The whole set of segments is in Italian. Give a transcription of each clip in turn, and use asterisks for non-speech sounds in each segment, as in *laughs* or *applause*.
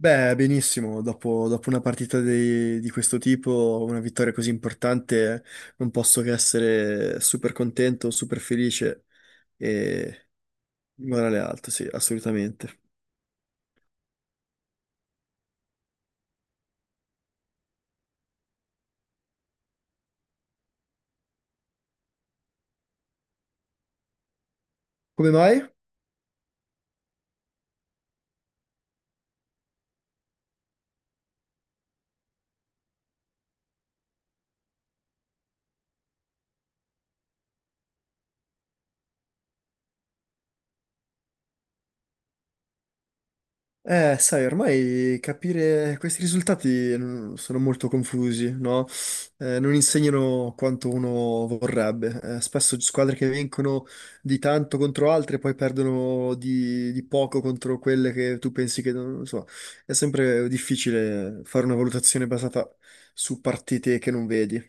Beh, benissimo, dopo una partita di questo tipo, una vittoria così importante, non posso che essere super contento, super felice e morale alto, sì, assolutamente. Come mai? Sai, ormai capire questi risultati sono molto confusi, no? Non insegnano quanto uno vorrebbe. Spesso squadre che vincono di tanto contro altre poi perdono di poco contro quelle che tu pensi che non so. È sempre difficile fare una valutazione basata su partite che non vedi.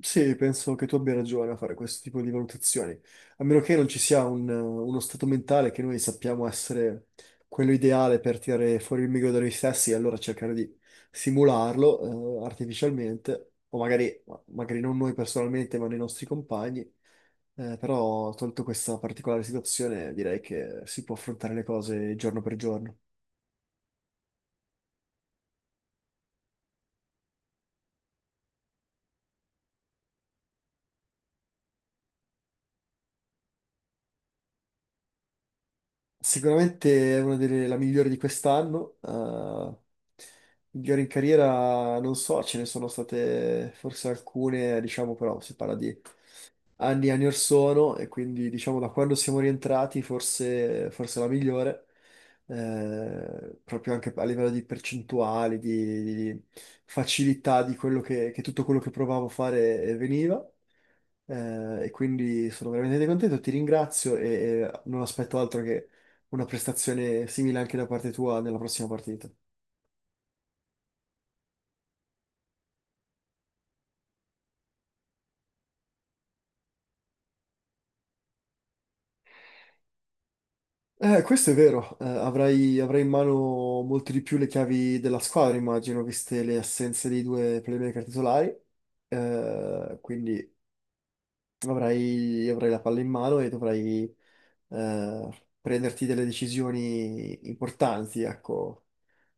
Sì, penso che tu abbia ragione a fare questo tipo di valutazioni, a meno che non ci sia uno stato mentale che noi sappiamo essere quello ideale per tirare fuori il meglio da noi stessi e allora cercare di simularlo, artificialmente, o magari non noi personalmente, ma nei nostri compagni. Però, tolto questa particolare situazione, direi che si può affrontare le cose giorno per giorno. Sicuramente è una delle la migliore di quest'anno. Migliore in carriera, non so, ce ne sono state forse alcune, diciamo, però si parla di anni e anni or sono e quindi diciamo da quando siamo rientrati forse, la migliore, proprio anche a livello di percentuali, di facilità di quello che tutto quello che provavo a fare veniva. E quindi sono veramente contento, ti ringrazio e non aspetto altro che una prestazione simile anche da parte tua nella prossima partita. Questo è vero, avrai in mano molto di più le chiavi della squadra, immagino, viste le assenze dei due playmaker titolari. Quindi avrai la palla in mano e dovrai prenderti delle decisioni importanti, ecco.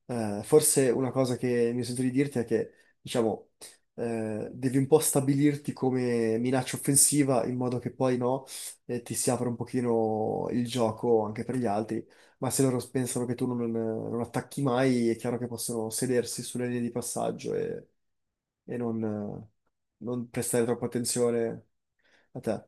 Forse una cosa che mi sento di dirti è che, diciamo, devi un po' stabilirti come minaccia offensiva in modo che poi no, ti si apra un pochino il gioco anche per gli altri, ma se loro pensano che tu non attacchi mai, è chiaro che possono sedersi sulle linee di passaggio e non prestare troppa attenzione a te.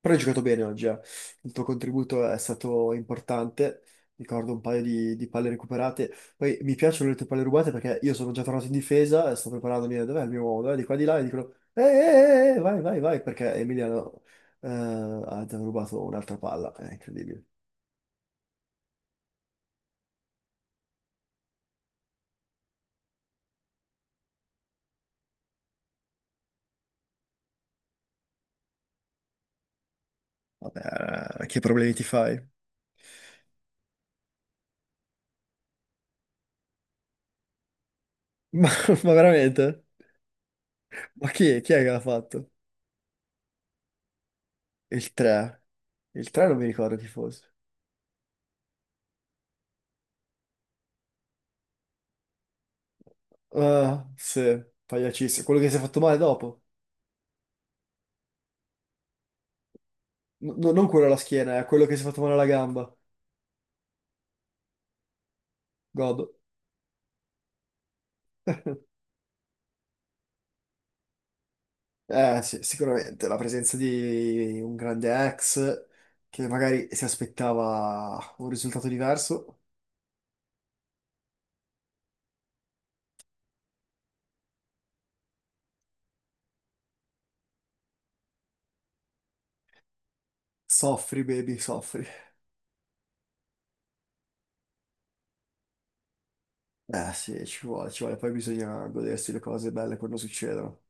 Però hai giocato bene oggi, eh. Il tuo contributo è stato importante. Ricordo un paio di palle recuperate. Poi mi piacciono le tue palle rubate perché io sono già tornato in difesa e sto preparandomi. Dov'è il mio uomo? Dov'è? Di qua di là. E dicono: vai, vai, vai. Perché Emiliano ha già rubato un'altra palla. È incredibile. Vabbè, che problemi ti fai? *laughs* Ma, ma veramente? Ma è chi è che l'ha fatto? Il 3. Il 3 non mi ricordo chi fosse. Ah, sì, pagliacissimo. Quello che si è fatto male dopo. No, non quello alla schiena, è quello che si è fatto male alla gamba. God. Eh sì, sicuramente la presenza di un grande ex che magari si aspettava un risultato diverso. Soffri, baby, soffri. Eh sì, ci vuole, ci vuole. Poi bisogna godersi le cose belle quando succedono.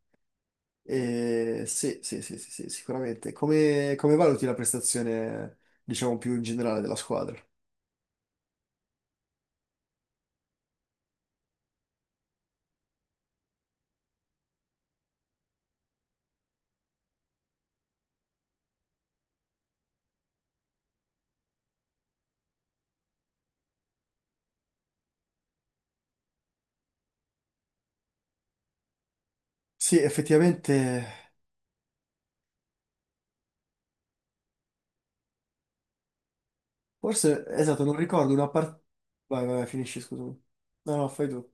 E sì, sì, sì, sì, sì, sicuramente. Come valuti la prestazione, diciamo, più in generale della squadra? Sì, effettivamente. Forse, esatto, non ricordo una parte. Vai, vai, vai, finisci, scusami. No, no, fai tu.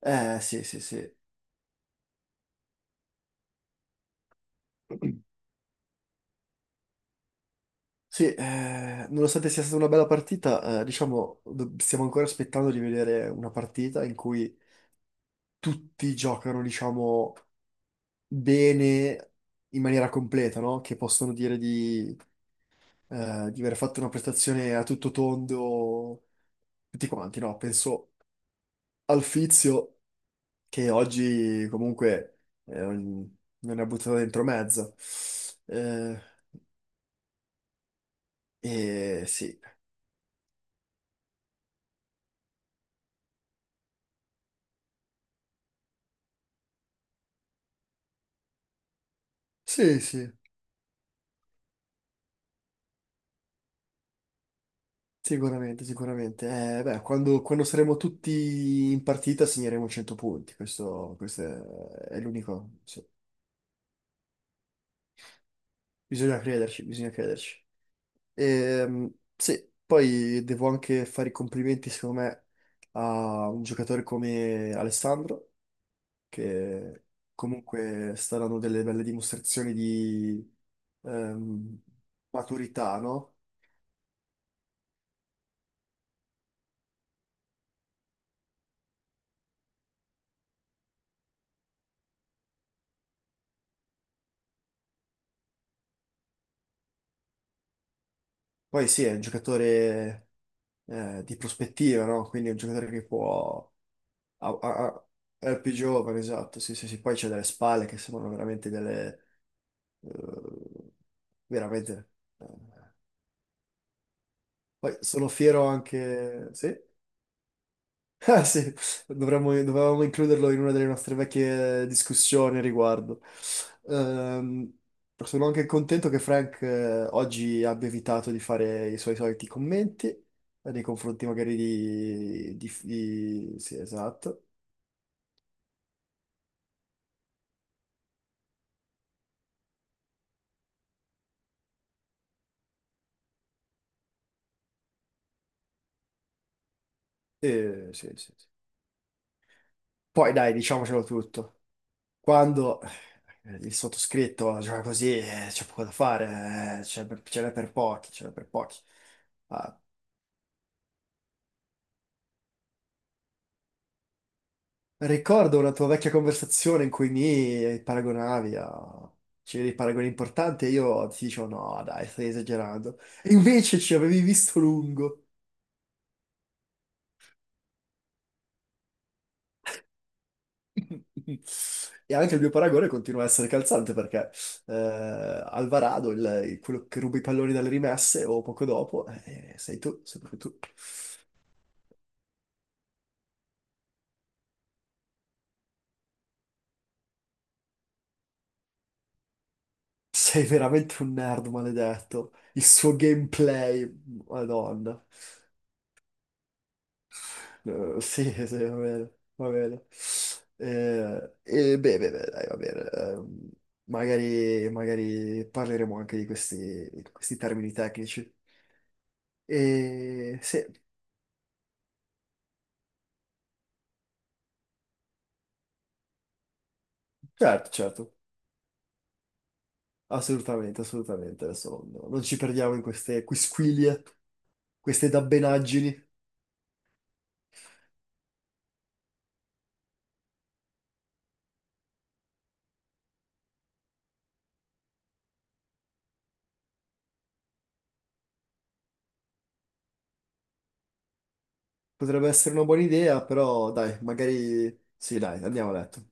Sì, sì, sì. Sì, nonostante sia stata una bella partita, diciamo, stiamo ancora aspettando di vedere una partita in cui tutti giocano, diciamo, bene in maniera completa, no? Che possono dire di aver fatto una prestazione a tutto tondo, tutti quanti, no? Penso al Fizio, che oggi comunque me ne ha buttato dentro mezza. Eh, e sì, sì, sì, sicuramente, sicuramente. Beh, quando saremo tutti in partita segneremo 100 punti, questo è l'unico. Sì. Bisogna crederci, bisogna crederci. Sì, poi devo anche fare i complimenti, secondo me, a un giocatore come Alessandro che comunque saranno delle belle dimostrazioni di ehm, maturità, no? Poi sì, è un giocatore di prospettiva, no? Quindi è un giocatore che può. Ha- ha- ha- è più giovane, esatto, sì, sì, sì. Poi c'è delle spalle che sembrano veramente delle... eh, veramente... eh. Poi sono fiero anche. Sì? Ah sì, dovevamo includerlo in una delle nostre vecchie discussioni a riguardo. Ehm, sono anche contento che Frank oggi abbia evitato di fare i suoi soliti commenti nei confronti magari. Sì, esatto. E, sì, sì, sì. Poi dai, diciamocelo tutto. Quando il sottoscritto gioca così, c'è poco da fare, ce n'è per pochi, ce n'è per pochi. Ah, ricordo una tua vecchia conversazione in cui mi paragonavi a. C'erano dei paragoni importanti e io ti dicevo no, dai, stai esagerando. E invece ci avevi visto lungo. *laughs* E anche il mio paragone continua a essere calzante perché Alvarado, quello che ruba i palloni dalle rimesse o poco dopo, sei tu, sei proprio tu. Sei veramente un nerd maledetto. Il suo gameplay, madonna. Sì, *laughs* sì, va bene, va bene. E beh, beh, beh, dai, va bene. Magari parleremo anche di questi, termini tecnici. E sì, certo, certo, assolutamente, assolutamente. Adesso non ci perdiamo in queste quisquilie, queste dabbenaggini. Potrebbe essere una buona idea, però dai, magari. Sì, dai, andiamo a letto.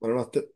Buonanotte.